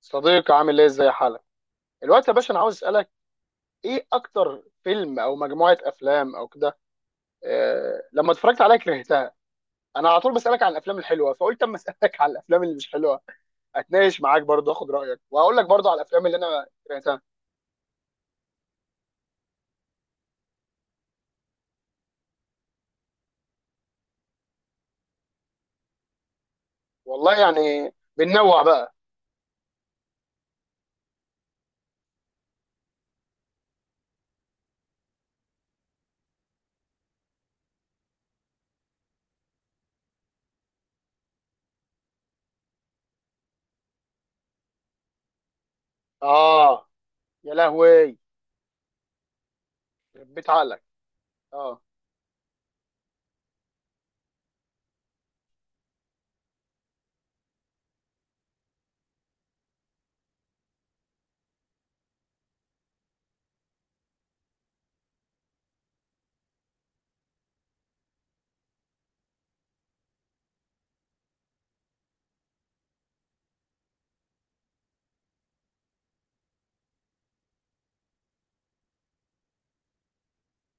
صديقي، عامل ايه؟ ازاي حالك الوقت يا باشا؟ انا عاوز اسالك، ايه اكتر فيلم او مجموعه افلام او كده لما اتفرجت عليها كرهتها؟ انا على طول بسالك عن الافلام الحلوه، فقلت اما اسالك عن الافلام اللي مش حلوه، اتناقش معاك برضه اخد رايك، وهقول لك برضه على الافلام اللي انا كرهتها. والله يعني بننوع بقى. اه، يا لهوي، ربيت عقلك. اه.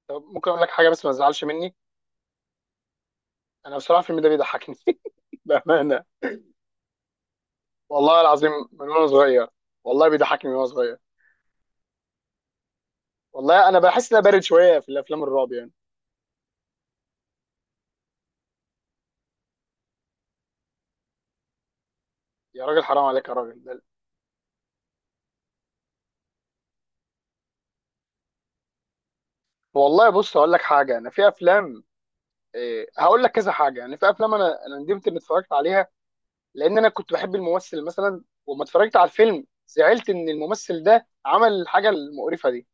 طب ممكن اقول لك حاجه بس ما تزعلش مني؟ انا بصراحه الفيلم ده بيضحكني بامانه. والله العظيم من وانا صغير، والله بيضحكني من وانا صغير. والله انا بحس ان أنا بارد شويه في الافلام الرعب يعني. يا راجل حرام عليك يا راجل والله بص، هقول لك حاجه. انا في افلام، إيه، هقول لك كذا حاجه، يعني في افلام انا ندمت اني اتفرجت عليها، لان انا كنت بحب الممثل مثلا وما اتفرجت على الفيلم، زعلت ان الممثل ده عمل الحاجه المقرفه دي.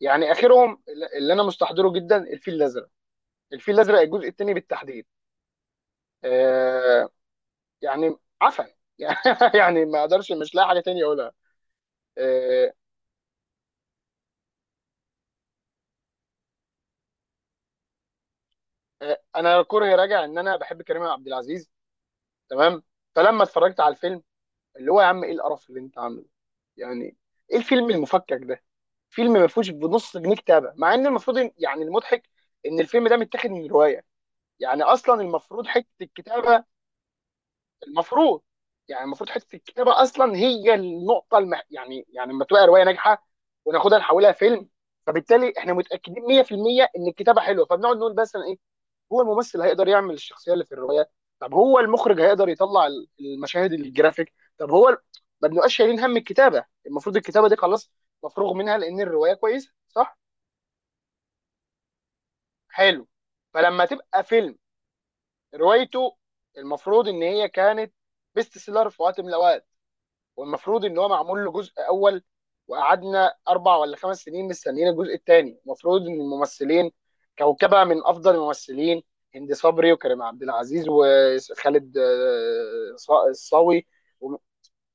يعني اخرهم اللي انا مستحضره جدا، الفيل الازرق. الفيل الازرق الجزء الثاني بالتحديد. آه، يعني عفن يعني، يعني ما اقدرش، مش لاقي حاجه تانية اقولها. آه. انا كره راجع ان انا بحب كريم عبد العزيز، تمام؟ فلما اتفرجت على الفيلم، اللي هو يا عم ايه القرف اللي انت عامله يعني؟ ايه الفيلم المفكك ده؟ فيلم ما فيهوش بنص جنيه كتابه، مع ان المفروض يعني المضحك ان الفيلم ده متاخد من روايه، يعني اصلا المفروض حته الكتابه. المفروض يعني المفروض حته الكتابه اصلا هي النقطه يعني يعني لما تبقى روايه ناجحه وناخدها نحولها فيلم، فبالتالي احنا متاكدين 100% ان الكتابه حلوه، فبنقعد نقول بس هو الممثل هيقدر يعمل الشخصيه اللي في الروايه؟ طب هو المخرج هيقدر يطلع المشاهد الجرافيك؟ طب هو ما بنبقاش شايلين هم الكتابه. المفروض الكتابه دي خلاص مفروغ منها لان الروايه كويسه، صح؟ حلو. فلما تبقى فيلم روايته المفروض ان هي كانت بيست سيلر في وقت من الاوقات، والمفروض ان هو معمول له جزء اول، وقعدنا 4 أو 5 سنين مستنيين الجزء الثاني، المفروض ان الممثلين كوكبه من افضل الممثلين، هند صبري وكريم عبد العزيز وخالد الصاوي و-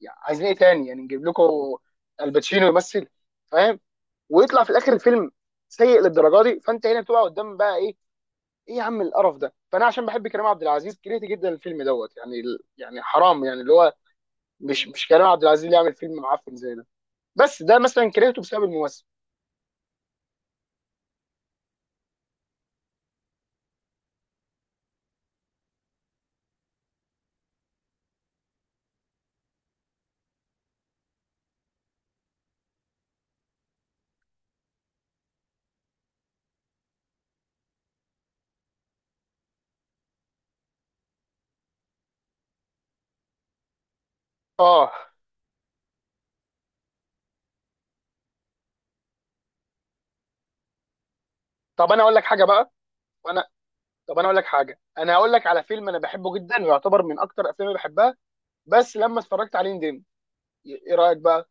يعني عايزين ايه تاني يعني؟ نجيب لكم الباتشينو يمثل؟ فاهم؟ ويطلع في الاخر الفيلم سيء للدرجه دي، فانت هنا بتبقى قدام بقى ايه؟ ايه يا عم القرف ده؟ فانا عشان بحب كريم عبد العزيز كرهت جدا الفيلم دوت يعني. يعني حرام يعني، اللي هو مش، مش كريم عبد العزيز اللي يعمل فيلم معفن زي ده. بس ده مثلا كرهته بسبب الممثل. اه. طب انا اقول لك حاجه بقى؟ وانا طب انا اقول لك حاجه، انا هقول لك على فيلم انا بحبه جدا ويعتبر من اكتر افلامي بحبها، بس لما اتفرجت عليه ندمت. ايه رايك بقى؟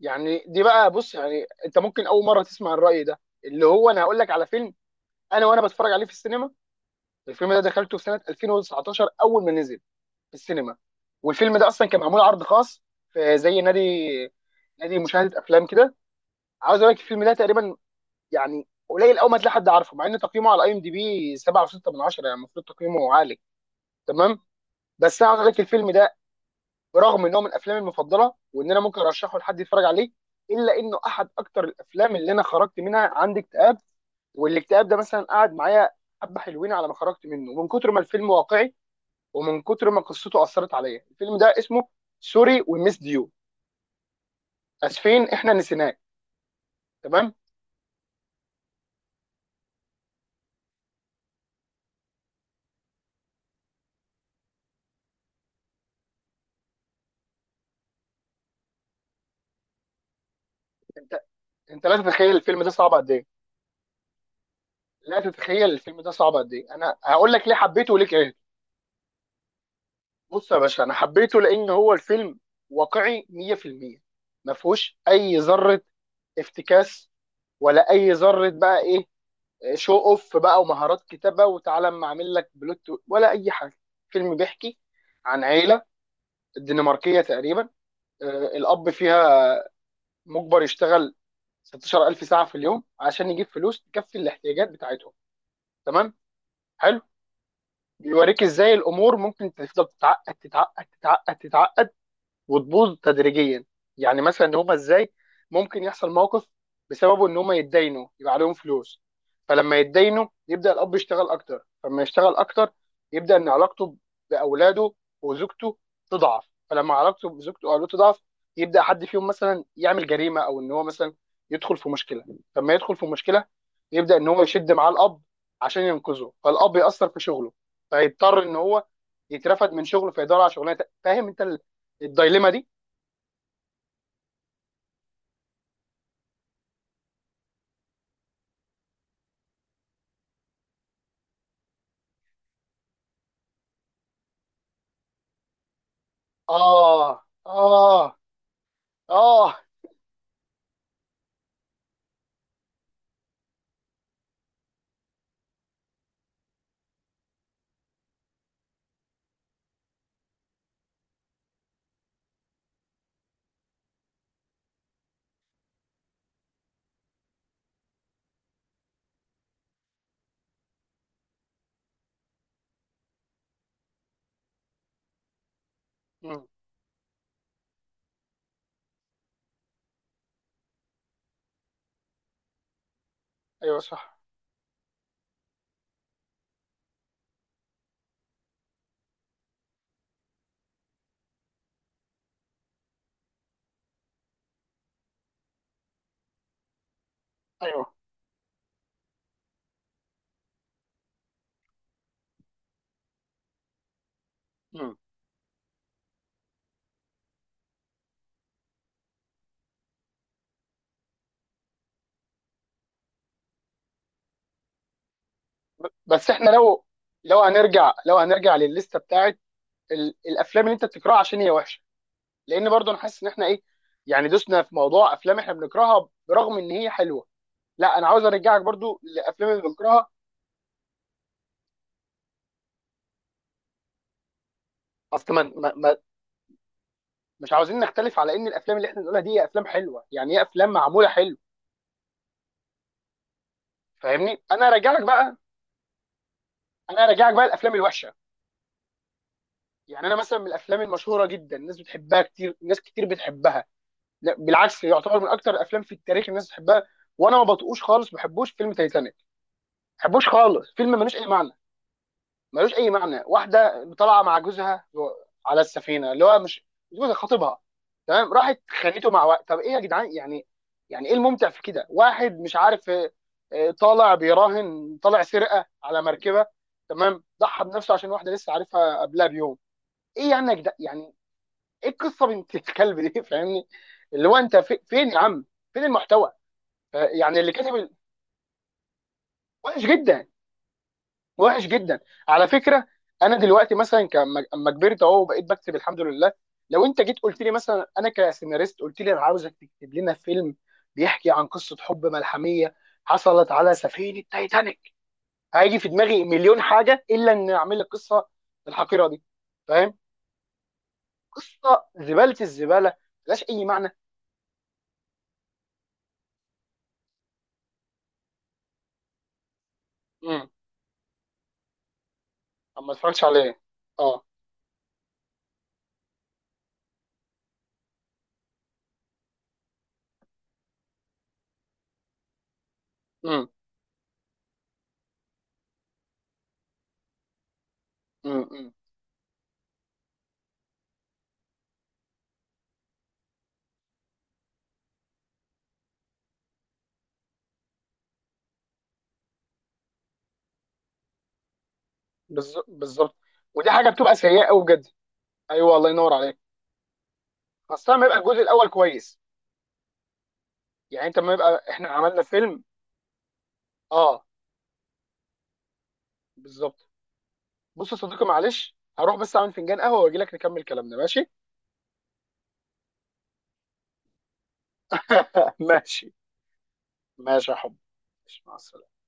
يعني دي بقى، بص، يعني انت ممكن اول مره تسمع الراي ده، اللي هو انا هقول لك على فيلم انا وانا بتفرج عليه في السينما. الفيلم ده دخلته في سنه 2019 اول ما نزل في السينما، والفيلم ده اصلا كان معمول عرض خاص في زي نادي، نادي مشاهده افلام كده. عاوز اقول لك الفيلم ده تقريبا، يعني قليل قوي ما تلاقي حد عارفه، مع ان تقييمه على اي ام دي بي 7.6 من 10، يعني المفروض تقييمه عالي، تمام؟ بس انا عاوز اقول لك الفيلم ده برغم ان هو من افلامي المفضله وان انا ممكن ارشحه لحد يتفرج عليه، الا انه احد اكتر الافلام اللي انا خرجت منها عندي اكتئاب، والاكتئاب ده مثلا قعد معايا حبه حلوين على ما خرجت منه، من كتر ما الفيلم واقعي ومن كتر ما قصته اثرت عليا. الفيلم ده اسمه سوري وميس ديو، اسفين احنا نسيناك، تمام؟ انت، انت لا تتخيل الفيلم ده صعب قد ايه. لا تتخيل الفيلم ده صعب قد ايه. انا هقول لك ليه حبيته وليه كرهته. بص يا باشا، انا حبيته لان هو الفيلم واقعي 100%، ما فيهوش اي ذره افتكاس ولا اي ذره بقى ايه، شو اوف بقى ومهارات كتابه وتعالى اما اعمل لك بلوت ولا اي حاجه. الفيلم بيحكي عن عيله الدنماركيه تقريبا. آه، الاب فيها مجبر يشتغل 16000 ساعه في اليوم عشان يجيب فلوس تكفي الاحتياجات بتاعتهم، تمام؟ حلو. بيوريك ازاي الامور ممكن تفضل تتعقد تتعقد تتعقد تتعقد وتبوظ تدريجيا. يعني مثلا ان هم ازاي ممكن يحصل موقف بسببه ان هم يتداينوا، يبقى عليهم فلوس. فلما يتداينوا يبدا الاب يشتغل اكتر، فلما يشتغل اكتر يبدا ان علاقته باولاده وزوجته تضعف. فلما علاقته بزوجته واولاده تضعف، يبدا حد فيهم مثلا يعمل جريمه، او ان هو مثلا يدخل في مشكله. فلما يدخل في مشكله يبدا ان هو يشد معاه الاب عشان ينقذه، فالاب ياثر في شغله، فيضطر ان هو يترفد من شغله، فيدور على شغلانه فاهم انت الدايليما دي؟ اه، اه، اه. مم. ايوه، صح. ايوه. مم. بس احنا لو، لو هنرجع، لو هنرجع للليسته بتاعت الافلام اللي انت بتكرهها عشان هي وحشه، لان برضو انا حاسس ان احنا ايه، يعني دوسنا في موضوع افلام احنا بنكرهها برغم ان هي حلوه. لا، انا عاوز ارجعك برضو للافلام اللي بنكرهها. اصل ما... ما... ما... مش عاوزين نختلف على ان الافلام اللي احنا بنقولها دي هي افلام حلوه، يعني هي افلام معموله حلو. فاهمني؟ انا راجعك بقى. انا راجعك بقى الافلام الوحشه. يعني انا مثلا من الافلام المشهوره جدا الناس بتحبها، كتير ناس كتير بتحبها، لا بالعكس يعتبر من اكتر الافلام في التاريخ الناس بتحبها، وانا ما بطقوش خالص، ما بحبوش فيلم تايتانيك، ما بحبوش خالص. فيلم ملوش اي معنى، ملوش اي معنى. واحده طالعه مع جوزها على السفينه، اللي هو مش جوزها، خطيبها، تمام؟ راحت خانته مع وقت، طب ايه يا جدعان يعني؟ يعني ايه الممتع في كده؟ واحد مش عارف، طالع بيراهن، طالع سرقه على مركبه، تمام؟ ضحى بنفسه عشان واحده لسه عارفها قبلها بيوم. ايه يعني يا جدعان يعني؟ ايه القصه بنت الكلب دي؟ فاهمني؟ اللي هو انت فين يا عم، فين المحتوى؟ يعني اللي كاتب وحش جدا، وحش جدا على فكره. انا دلوقتي مثلا اما كبرت اهو وبقيت بكتب الحمد لله، لو انت جيت قلت لي مثلا انا كسيناريست، قلت لي انا عاوزك تكتب لنا فيلم بيحكي عن قصه حب ملحميه حصلت على سفينه تايتانيك، هيجي في دماغي مليون حاجه الا ان اعمل لك قصه الحقيره دي، فاهم؟ قصه زباله، الزباله ملهاش اي معنى. امم اما اتفرجتش عليه. اه. امم. امم. بالظبط. ودي حاجه بتبقى سيئه قوي بجد. ايوه، الله ينور عليك. خاصه لما يبقى الجزء الاول كويس، يعني انت لما يبقى احنا عملنا فيلم. اه. بالظبط. بص يا صديقي، معلش هروح بس اعمل فنجان قهوه واجي لك نكمل كلامنا، ماشي؟ ماشي. ماشي يا حب. ماشي، مع السلامه.